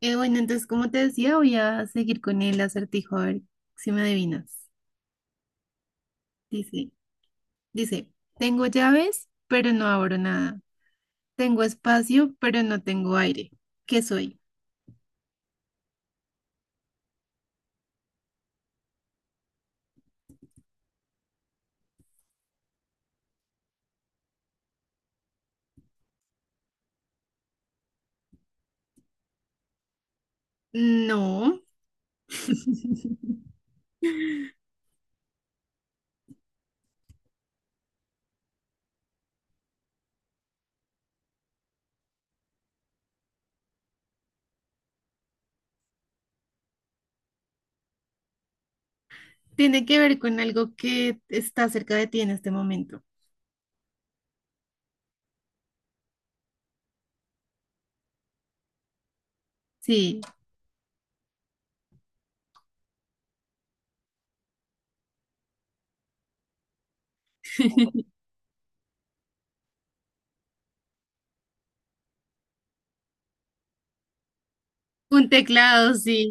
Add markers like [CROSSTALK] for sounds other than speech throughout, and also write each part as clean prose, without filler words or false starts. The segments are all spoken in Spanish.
Bueno, entonces, como te decía, voy a seguir con el acertijo, a ver si me adivinas. Dice, dice, tengo llaves, pero no abro nada. Tengo espacio, pero no tengo aire. ¿Qué soy? No, tiene que ver con algo que está cerca de ti en este momento. Sí, un teclado, sí.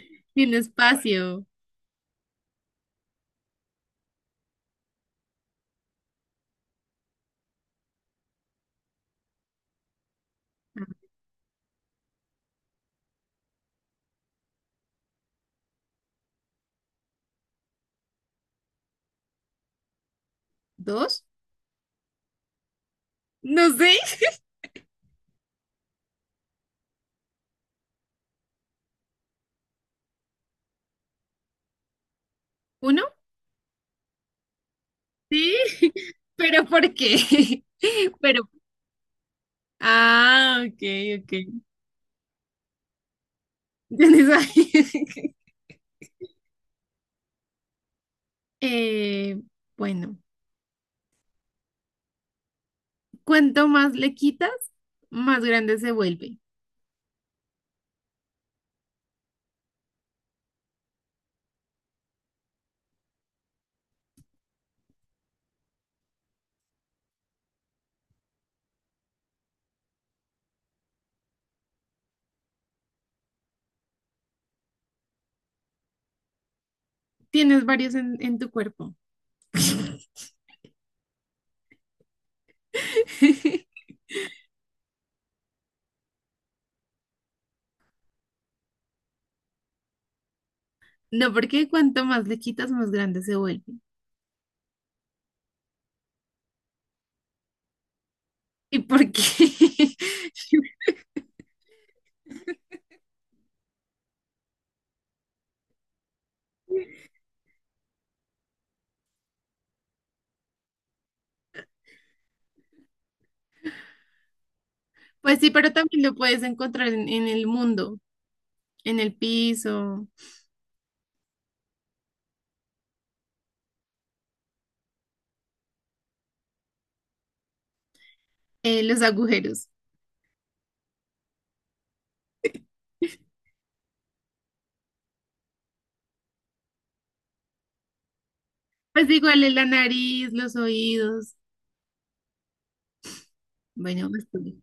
[LAUGHS] Tiene espacio. ¿Dos? No sé. ¿Uno? Sí. [LAUGHS] ¿Pero por qué? [LAUGHS] Pero, ah, ok, ok. [LAUGHS] ¿Tienes ahí? [LAUGHS] Eh, bueno, cuanto más le quitas, más grande se vuelve. Tienes varios en tu cuerpo. [LAUGHS] No, porque cuanto más le quitas, más grande se vuelve. ¿Y por qué? [LAUGHS] Pues sí, pero también lo puedes encontrar en el mundo, en el piso, en los agujeros. Pues igual en la nariz, los oídos. Bueno, pues, tú.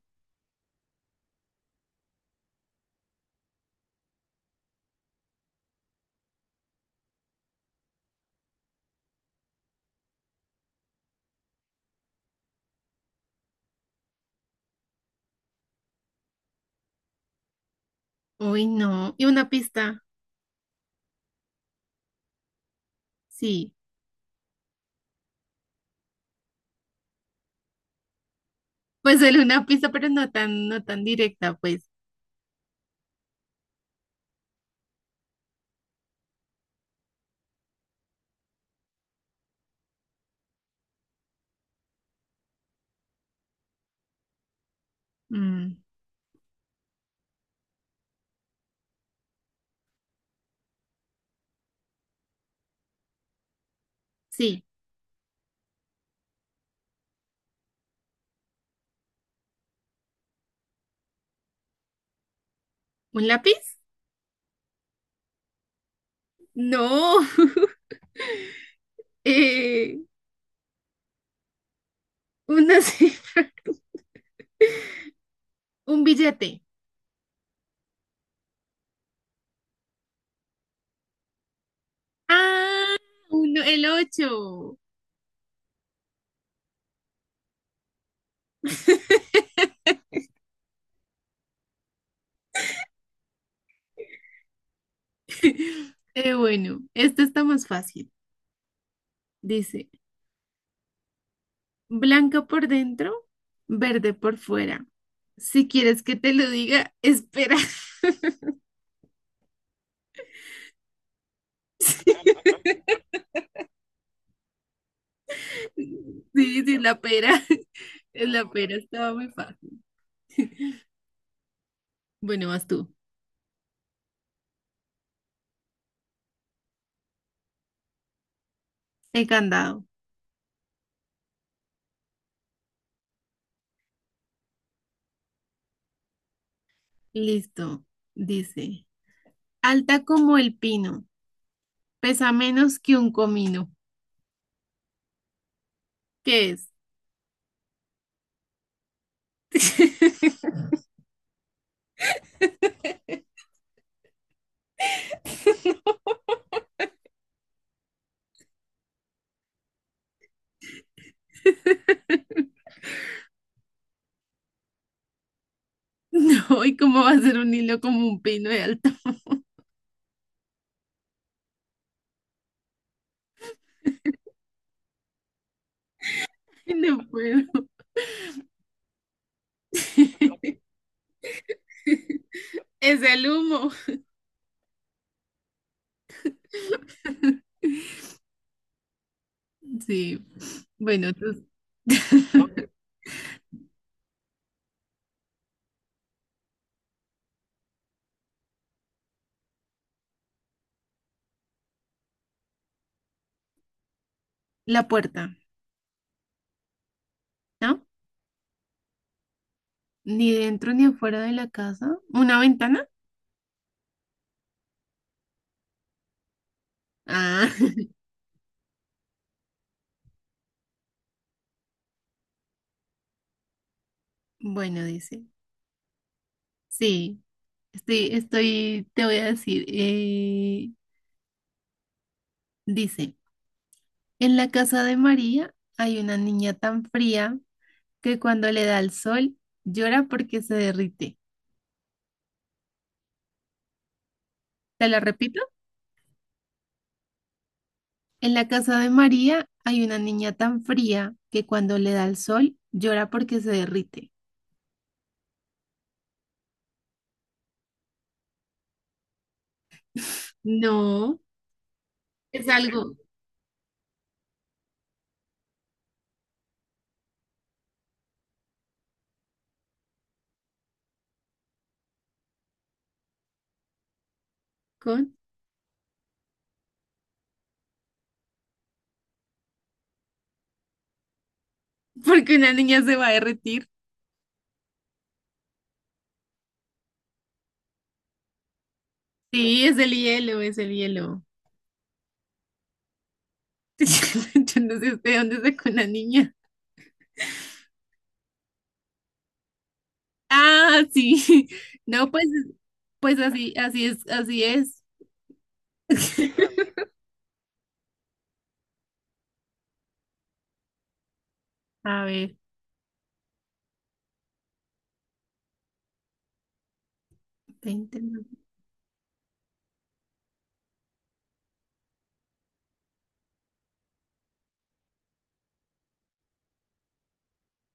Uy, no. Y una pista, sí. Pues solo una pista, pero no tan directa, pues. Mm, sí. ¿Un lápiz? No. [LAUGHS] Eh, una cifra. Un billete. Ah, uno, el ocho. [LAUGHS] Bueno, esto está más fácil. Dice, blanca por dentro, verde por fuera. Si quieres que te lo diga, espera. [LAUGHS] Sí, sí, la pera. [LAUGHS] Es la pera, estaba muy fácil. [LAUGHS] Bueno, vas tú. El candado. Listo. Dice, alta como el pino, pesa menos que un comino. ¿Qué es? [LAUGHS] No, ¿y cómo va a ser un hilo como un pino de alto? [LAUGHS] No puedo. Es el humo. Sí. Bueno, entonces, [LAUGHS] la puerta, ¿no? Ni dentro ni afuera de la casa. ¿Una ventana? Ah, [LAUGHS] bueno, dice. Sí, estoy, estoy, te voy a decir. Dice, en la casa de María hay una niña tan fría que cuando le da el sol llora porque se derrite. ¿Te lo repito? En la casa de María hay una niña tan fría que cuando le da el sol llora porque se derrite. No, es algo con. Porque una niña se va a derretir. Sí, es el hielo, es el hielo. [LAUGHS] Yo no sé de dónde sacó una niña. Ah, sí. [LAUGHS] No, pues, pues así, así es, así es. [LAUGHS] A ver, 20,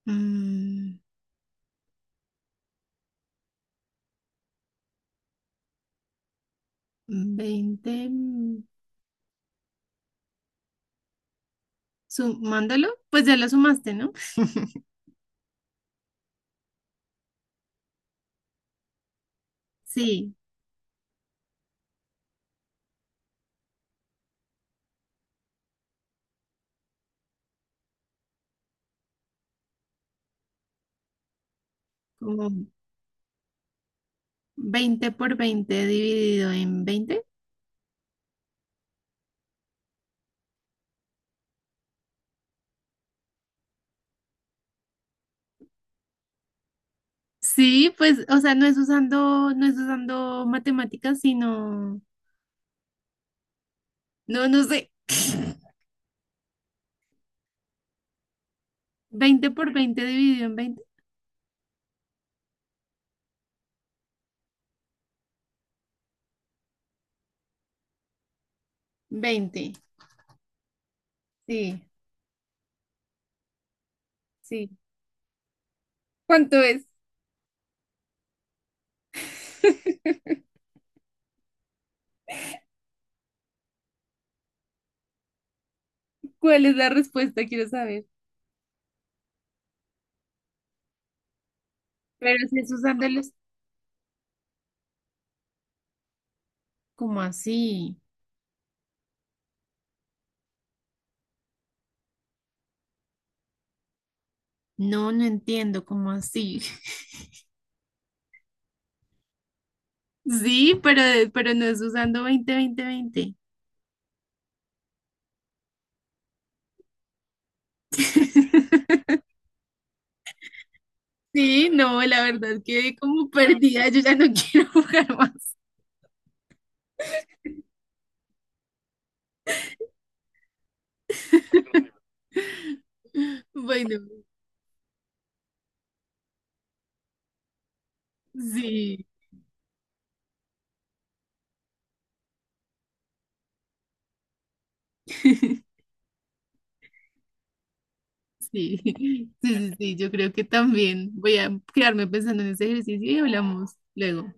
mm, 20. Sumándolo, pues ya lo sumaste, ¿no? [LAUGHS] Sí, como 20 por 20 dividido en 20. Sí, pues, o sea, no es usando matemáticas, sino, no, no sé. [LAUGHS] Veinte por 20 dividido en veinte, veinte. Sí, sí. ¿Cuánto es? [LAUGHS] ¿Cuál es la respuesta? Quiero saber. Pero si es usándolos, como así? No, no entiendo, ¿cómo así? [LAUGHS] Sí, pero no es usando veinte, veinte, veinte. [LAUGHS] Sí, no, la verdad quedé como perdida, yo ya no quiero [LAUGHS] jugar más. Bueno, sí, [LAUGHS] sí, sí, sí, sí, yo creo que también voy a quedarme pensando en ese ejercicio y hablamos luego.